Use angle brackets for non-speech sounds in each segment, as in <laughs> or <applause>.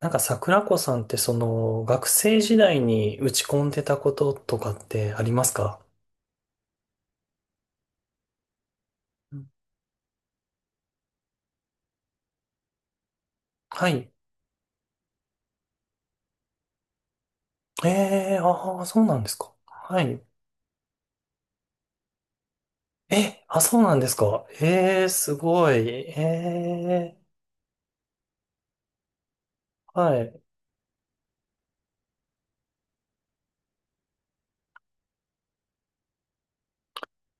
なんか桜子さんってその学生時代に打ち込んでたこととかってありますか？うん。はい。ええー、ああー、そうなんですか。はい。え、あ、そうなんですか。ええー、すごい。ええー、はい。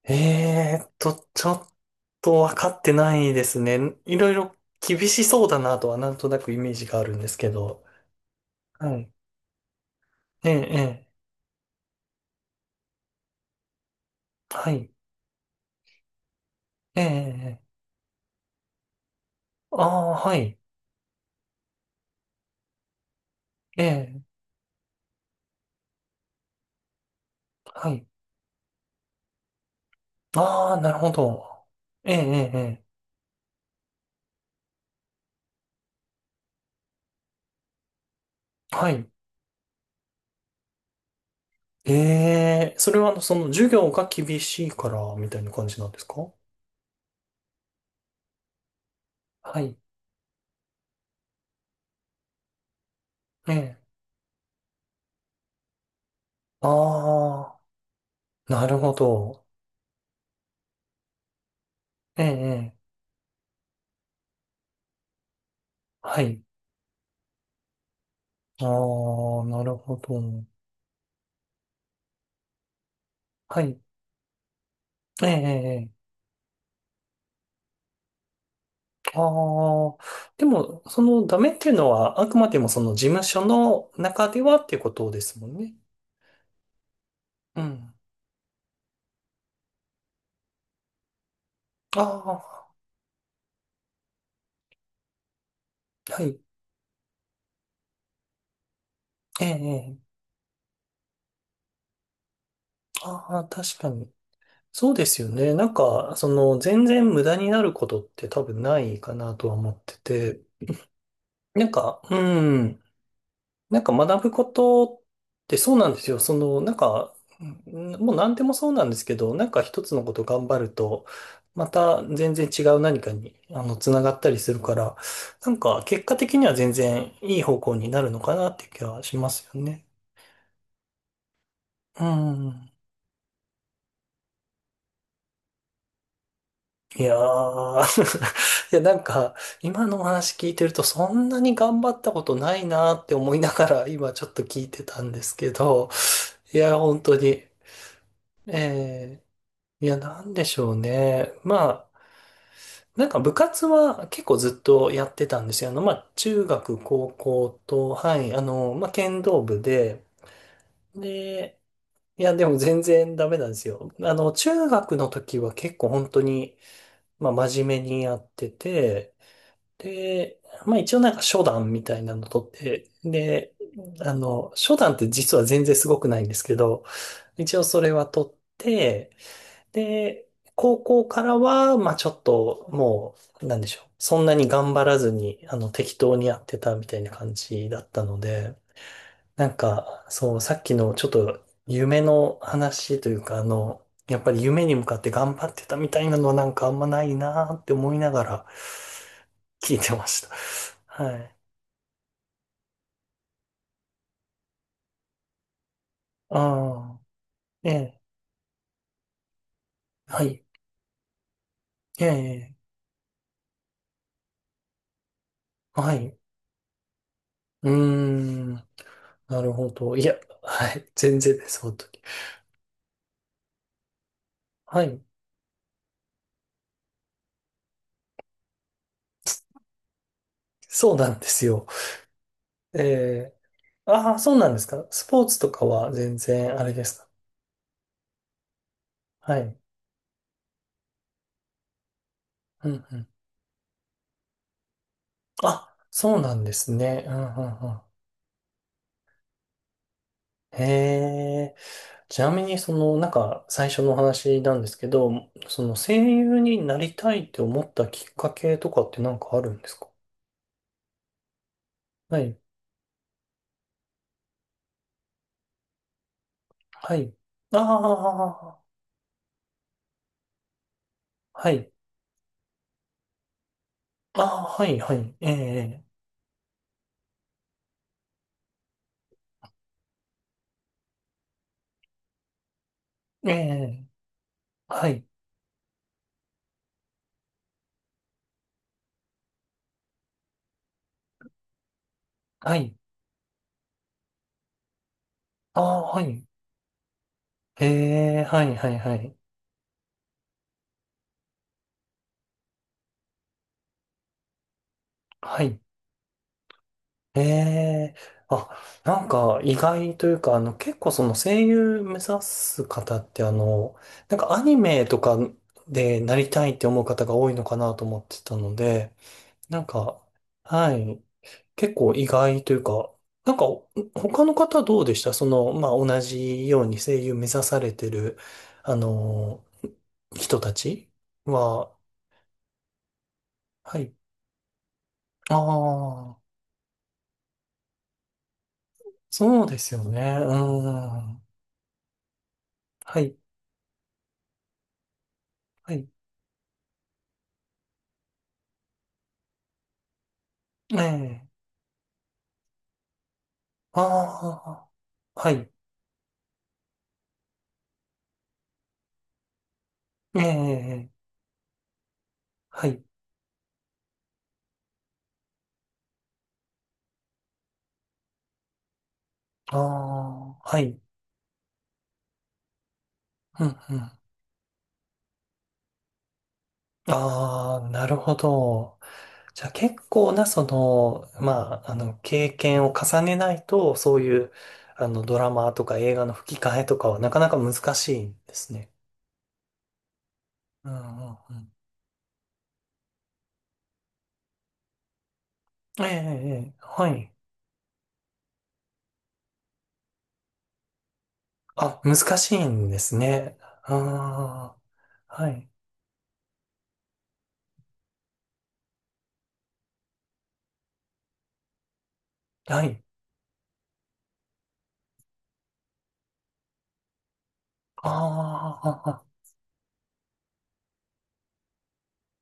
ええーと、ちょっとわかってないですね。いろいろ厳しそうだなとはなんとなくイメージがあるんですけど。はい。ええ、ええ、はい。ええ、ええ、ああー、はい。ええ、はい。ああ、なるほど。ええ、ええ、ええ、はい。ええ、それはあの、その授業が厳しいから、みたいな感じなんですか？はい。ええ。ああ、なるほど。ええ、ええ、はい。ああ、なるほど。はい。ええ、ええ、ああー、でも、そのダメっていうのは、あくまでもその事務所の中ではっていうことですもんね。うん。ああ、はい。ええ、ええ、ああ、確かに。そうですよね。なんか、その、全然無駄になることって多分ないかなとは思ってて、なんか、うん、なんか学ぶことってそうなんですよ。その、なんか、うん、もう何でもそうなんですけど、なんか一つのこと頑張ると、また全然違う何かに、あの、つながったりするから、なんか結果的には全然いい方向になるのかなっていう気はしますよね。うん。いやー、 <laughs> いや、なんか、今のお話聞いてると、そんなに頑張ったことないなーって思いながら、今ちょっと聞いてたんですけど、いや、本当に。えいや、なんでしょうね。まあ、なんか部活は結構ずっとやってたんですよ。あの、まあ、中学、高校と、はい、あの、まあ、剣道部で、で、いや、でも全然ダメなんですよ。あの、中学の時は結構本当に、まあ、真面目にやってて、で、まあ一応なんか初段みたいなの取って、で、あの、初段って実は全然すごくないんですけど、一応それは取って、で、高校からは、まあちょっともう、なんでしょう。そんなに頑張らずに、あの、適当にやってたみたいな感じだったので、なんか、そう、さっきのちょっと夢の話というか、あの、やっぱり夢に向かって頑張ってたみたいなのはなんかあんまないなーって思いながら聞いてました。はい。ああ、ええ、はい、ええ、はい。うーん、なるほど。いや、はい、全然です、本当に。はい、そうなんですよ。ええ、ああ、そうなんですか。スポーツとかは全然あれですか。はい、うん、うん。あ、そうなんですね。うん、うん、うん。へえ、ちなみに、その、なんか、最初のお話なんですけど、その、声優になりたいって思ったきっかけとかってなんかあるんですか？はい。はい。ああ、はい。ああ、はい、はい。ええ、ええ、はい、はい。ああ、はい。ええ、はい、はい、はい。はい。ええ、あ、なんか意外というか、あの、結構その声優目指す方って、あの、なんかアニメとかでなりたいって思う方が多いのかなと思ってたので、なんか、はい、結構意外というか、なんか、他の方どうでしたその、まあ、同じように声優目指されてる、あの人たちは。はい。ああ、そうですよね。うーん。はい、はい。ええ。ああ、はい。ええ、はい。ああ、はい。うん、うん。ああ、なるほど。じゃあ結構な、その、まあ、あの、経験を重ねないと、そういう、あの、ドラマとか映画の吹き替えとかはなかなか難しいんですね。うん、うん、うん。ええ、ええ、はい。あ、難しいんですね。ああ、はい。はい。ああ、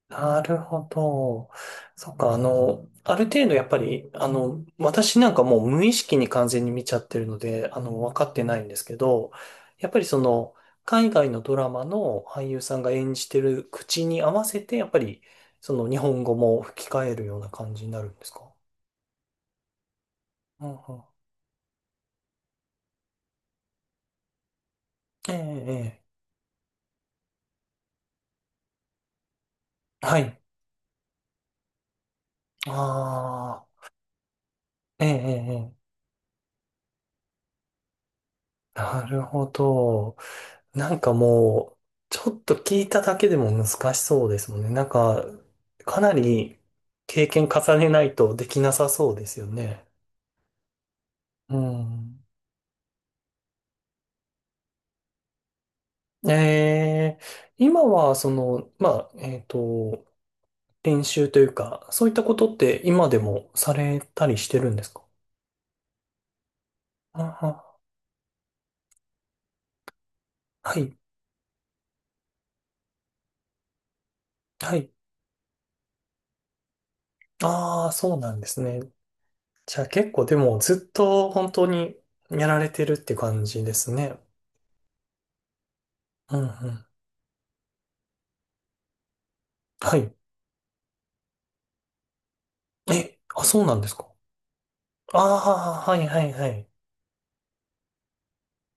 なるほど。そっか、あの、ある程度やっぱり、あの、私なんかもう無意識に完全に見ちゃってるので、あの、分かってないんですけど、やっぱりその、海外のドラマの俳優さんが演じてる口に合わせて、やっぱり、その日本語も吹き替えるような感じになるんですか？うん、うん。ええ、ええ。はい。ああ、ええ、ええ。ええ、なるほど。なんかもう、ちょっと聞いただけでも難しそうですもんね。なんか、かなり経験重ねないとできなさそうですよね。うん。えー、今は、その、まあ、練習というか、そういったことって今でもされたりしてるんですか？あは、はい、はい。ああ、そうなんですね。じゃあ結構でもずっと本当にやられてるって感じですね。うん、うん。はい。え、あ、そうなんですか。ああ、はい、はい、はい。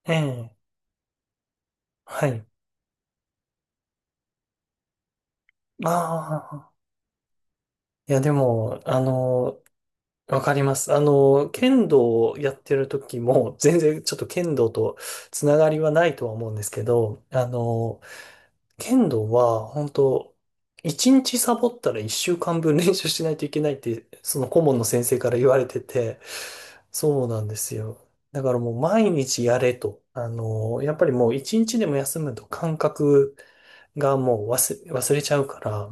ええ、はい。ああ、いやでも、あの、わかります。あの、剣道をやってる時も、全然ちょっと剣道とつながりはないとは思うんですけど、あの、剣道は、本当一日サボったら一週間分練習しないといけないって、その顧問の先生から言われてて、そうなんですよ。だからもう毎日やれと。あの、やっぱりもう一日でも休むと感覚がもう忘れちゃうから、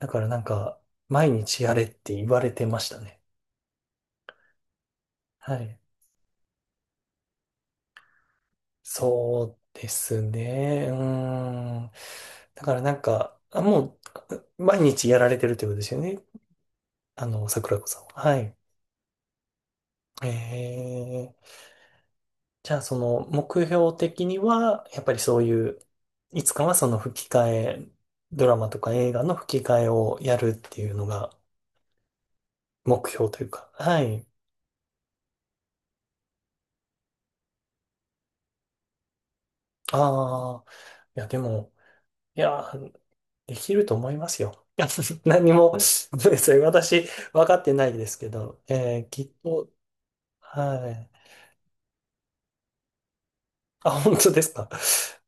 だからなんか、毎日やれって言われてましたね。はい。そうですね。うーん。だからなんか、あもう、毎日やられてるってことですよね。あの、桜子さんは。はい。ええ、じゃあ、その、目標的には、やっぱりそういう、いつかはその吹き替え、ドラマとか映画の吹き替えをやるっていうのが目標というか。はい。ああ、いや、でも、いや、できると思いますよ。<laughs> 何も、<laughs> ごめんなさ私、分かってないですけど、きっと。はい。あ、本当ですか。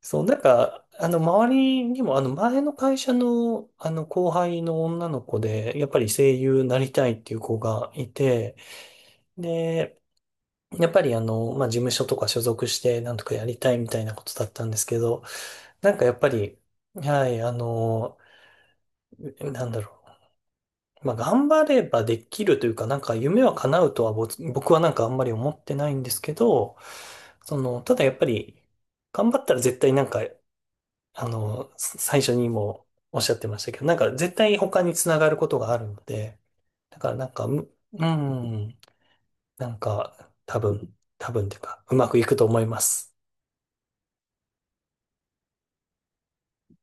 そう、なんか、あの、周りにも、あの、前の会社の、あの、後輩の女の子で、やっぱり声優になりたいっていう子がいて、で、やっぱりあの、まあ、事務所とか所属して、なんとかやりたいみたいなことだったんですけど、なんかやっぱり、はい、あの、なんだろう。まあ、頑張ればできるというか、なんか夢は叶うとは僕はなんかあんまり思ってないんですけど、その、ただやっぱり、頑張ったら絶対なんかあの、最初にもおっしゃってましたけど、なんか絶対他につながることがあるので、だからなんか、むうん、なんか多分、多分というか、うまくいくと思います。